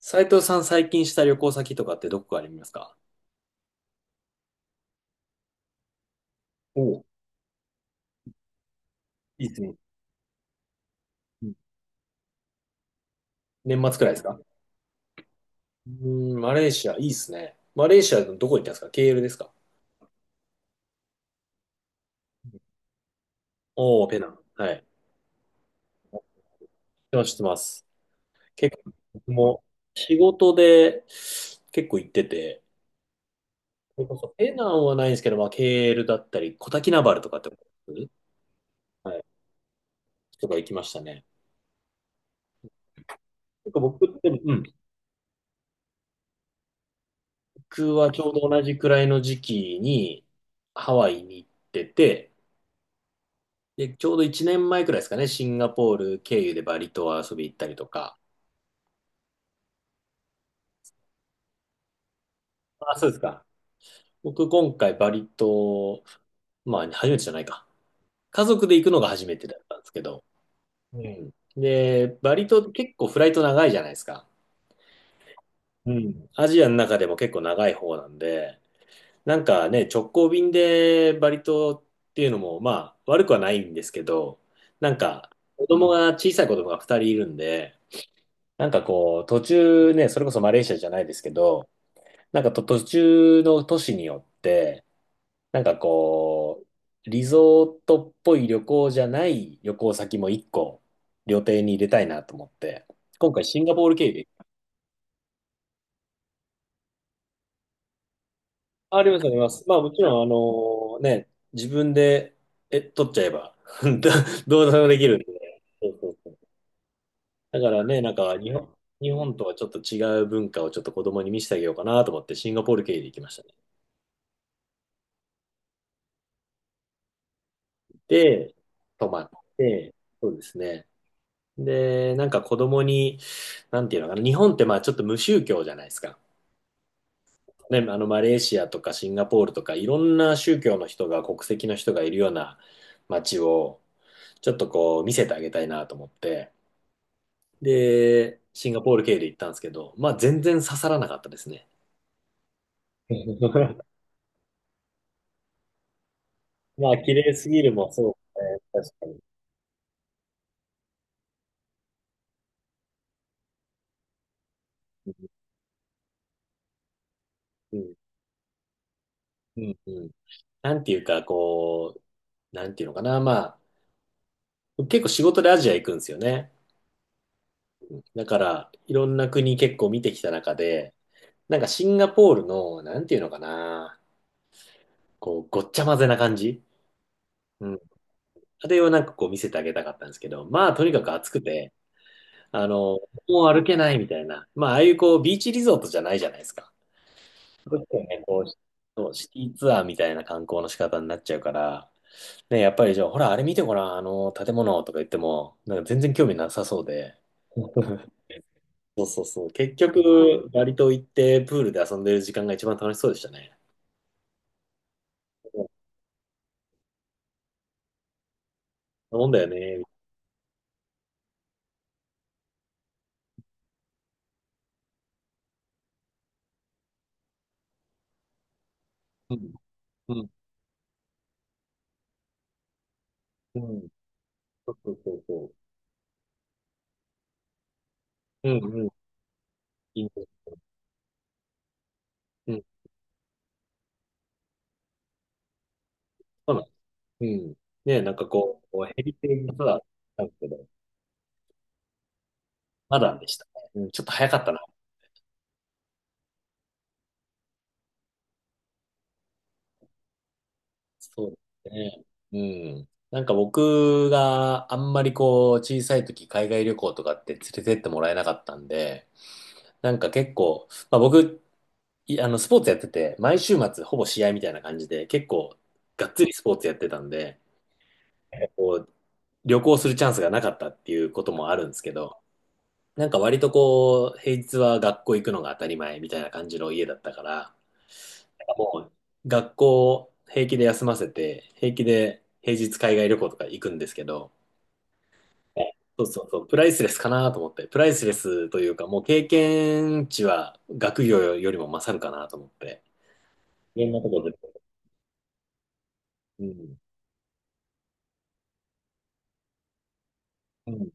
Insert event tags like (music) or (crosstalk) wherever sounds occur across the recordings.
斉藤さん最近した旅行先とかってどこかありますか？おう、いいですね。うん、年末くらいですか？マレーシア、いいっすね。マレーシアのどこ行ったんですか？ケーエルですか？おー、ペナン。はい。知ってます、知ってます。結構、僕も仕事で結構行ってて、それこそペナンはないんですけど、まあ、ケーエルだったり、コタキナバルとかってことはい。とか行きましたね。結構僕って、うん。僕はちょうど同じくらいの時期にハワイに行ってて、で、ちょうど1年前くらいですかね、シンガポール経由でバリ島遊び行ったりとか。あ、そうですか。僕今回バリ島、まあ初めてじゃないか。家族で行くのが初めてだったんですけど。うん。で、バリ島って結構フライト長いじゃないですか。うん。アジアの中でも結構長い方なんで、なんかね、直行便でバリ島っていうのも、まあ悪くはないんですけど、なんか子供が、小さい子供が2人いるんで、なんかこう、途中ね、それこそマレーシアじゃないですけど、なんかと途中の都市によって、なんかこう、リゾートっぽい旅行じゃない旅行先も一個、旅程に入れたいなと思って、今回シンガポール経由で。あります、あります。まあもちろん、あのね、自分で、え、取っちゃえば、(laughs) どどうでもできるんで。そうそうそう、だからね、なんか日本とはちょっと違う文化をちょっと子供に見せてあげようかなと思って、シンガポール経由で行きましたね。で、泊まって、そうですね。で、なんか子供に、なんていうのかな、日本ってまあちょっと無宗教じゃないですか。ね、あのマレーシアとかシンガポールとかいろんな宗教の人が国籍の人がいるような街をちょっとこう見せてあげたいなと思って、で、シンガポール系で行ったんですけど、まあ全然刺さらなかったですね。(laughs) まあ綺麗すぎるもそうですね、確かに。うんうんうん、なんていうか、こう、なんていうのかな、まあ、結構仕事でアジア行くんですよね。だから、いろんな国結構見てきた中で、なんかシンガポールの、なんていうのかな、こう、ごっちゃ混ぜな感じ。うん。あれをなんかこう見せてあげたかったんですけど、まあ、とにかく暑くて、あの、もう歩けないみたいな。まあ、ああいうこう、ビーチリゾートじゃないじゃないですか。ちょっとね、こう、そうシティツアーみたいな観光の仕方になっちゃうから、ね、やっぱりじゃあ、ほら、あれ見てごらん、あの、建物とか言っても、なんか全然興味なさそうで。(laughs) そうそうそう。結局、バリ島行ってプールで遊んでる時間が一番楽しそうでしたね。うん、そんなもんだよね。うん、うん、うん。そうそうそうそう。うん、うん。いいね。うん、そうなんです、うん。ねえ、なんかこう、ヘリテージツアーなんですけど、まだでしたね。うん、ちょっと早かったな。そうですね。うん。なんか僕があんまりこう、小さい時海外旅行とかって連れてってもらえなかったんで、なんか結構、まあ僕、い、あの、スポーツやってて、毎週末ほぼ試合みたいな感じで、結構がっつりスポーツやってたんで、こう、旅行するチャンスがなかったっていうこともあるんですけど、なんか割とこう、平日は学校行くのが当たり前みたいな感じの家だったから、なんかもう学校平気で休ませて、平気で平日海外旅行とか行くんですけど、そうそうそう、プライスレスかなと思って、プライスレスというか、もう経験値は学業よりも勝るかなと思って、いろんなところで。うんうん。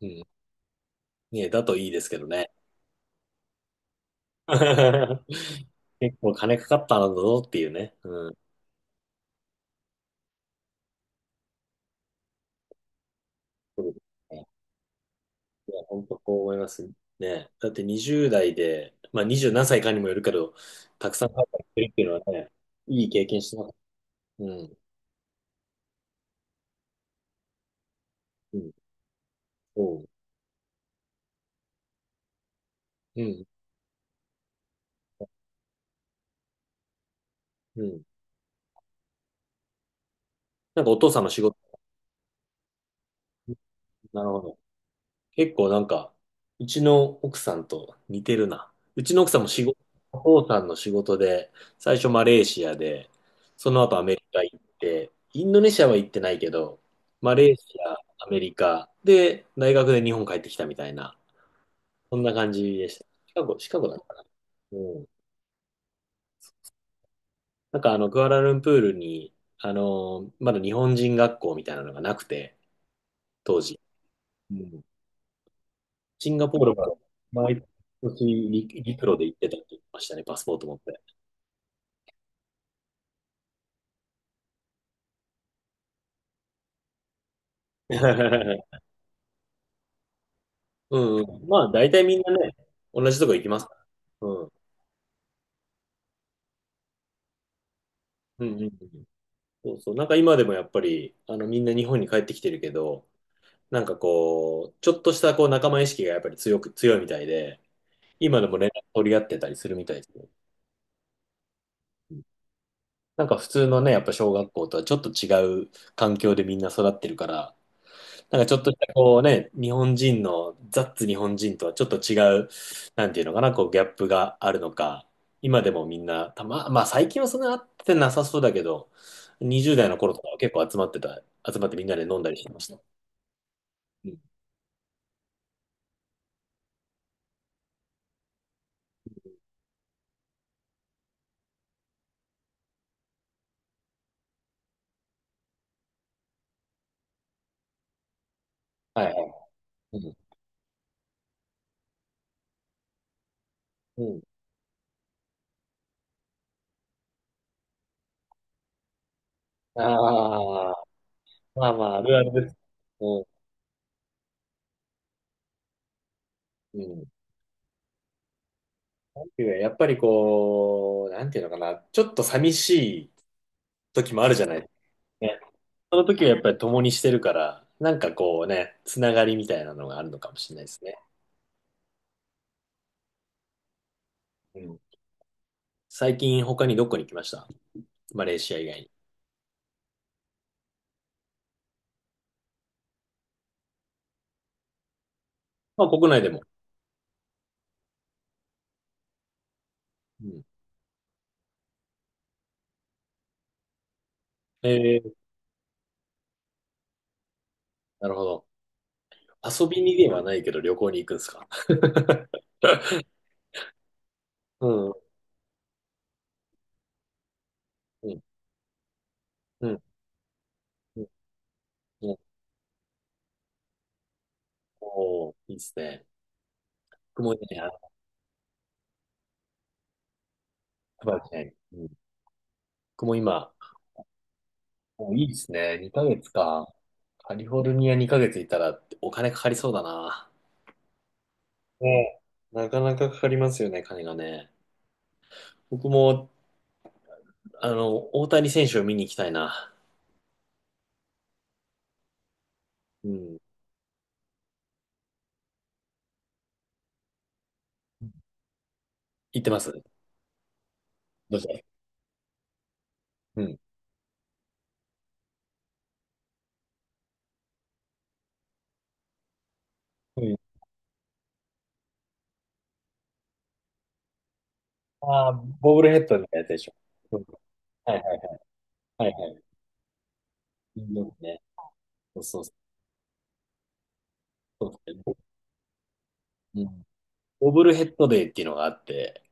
うん。ね、だといいですけどね。(laughs) 結構金かかったんだぞっていうね。うん。そうですね。いや、本当こう思いますね。だって20代で、まあ20何歳かにもよるけど、たくさん海外行ってるっていうのはね、いい経験してます。うん。うん。そう。うん。うん。なんかお父さんの仕事、なるほど。結構なんか、うちの奥さんと似てるな。うちの奥さんも仕事、お父さんの仕事で、最初マレーシアで、その後アメリカ行って、インドネシアは行ってないけど、マレーシア、アメリカ、で、大学で日本帰ってきたみたいな、そんな感じでした。シカゴ、シカゴだったかな。うん。なんかあの、クアラルンプールに、あの、まだ日本人学校みたいなのがなくて、当時。うん、シンガポールから毎年陸路で行ってたって言ってましたね、パスポート持って。(laughs) うんうん。まあ、大体みんなね、同じとこ行きますから。うん。うんうんうん。そうそう。なんか今でもやっぱり、あの、みんな日本に帰ってきてるけど、なんかこう、ちょっとしたこう仲間意識がやっぱり強いみたいで、今でも連絡取り合ってたりするみたいですね。なんか普通のね、やっぱ小学校とはちょっと違う環境でみんな育ってるから、なんかちょっとしたこうね、日本人の、ザッツ日本人とはちょっと違う、なんていうのかな、こうギャップがあるのか、今でもみんな、たま、まあ最近はそんな会ってなさそうだけど、20代の頃とかは結構集まってた、集まってみんなで飲んだりしてました。うん。はいはい。うん。うん、ああ、まあまあ、あるあるです。うん。うん。やっぱりこう、なんていうのかな、ちょっと寂しい時もあるじゃない。その時はやっぱり共にしてるから、なんかこうね、つながりみたいなのがあるのかもしれないですね。うん。最近他にどこに行きました？マレーシア以外に。まあ国内でも。うん。えー、なるほど。遊びにではないけど旅行に行くんですか？ (laughs) うん、(laughs) うん、うん、うん。うん、おー、いいですね。僕もね、あ、茨城ね。うん。僕も今、お、いいですね。2ヶ月か。カリフォルニア2ヶ月いたらお金かかりそうだな。ねえ、なかなかかかりますよね、金がね。僕も、あの、大谷選手を見に行きたいな。うん。行ってます。どうぞ。うん。うん。ああ、ボブルヘッドみたいなやつでしょ。うん、はいはいはい。はいはい。うんね。そうそうそう。そう、うん。ボブルヘッドデーっていうのがあって、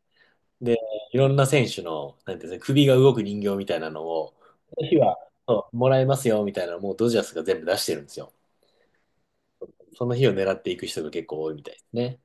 で、いろんな選手の、なんていうんですか、首が動く人形みたいなのを、その日は、そうもらえますよみたいなのをもうドジャースが全部出してるんですよ。その日を狙っていく人が結構多いみたいですね。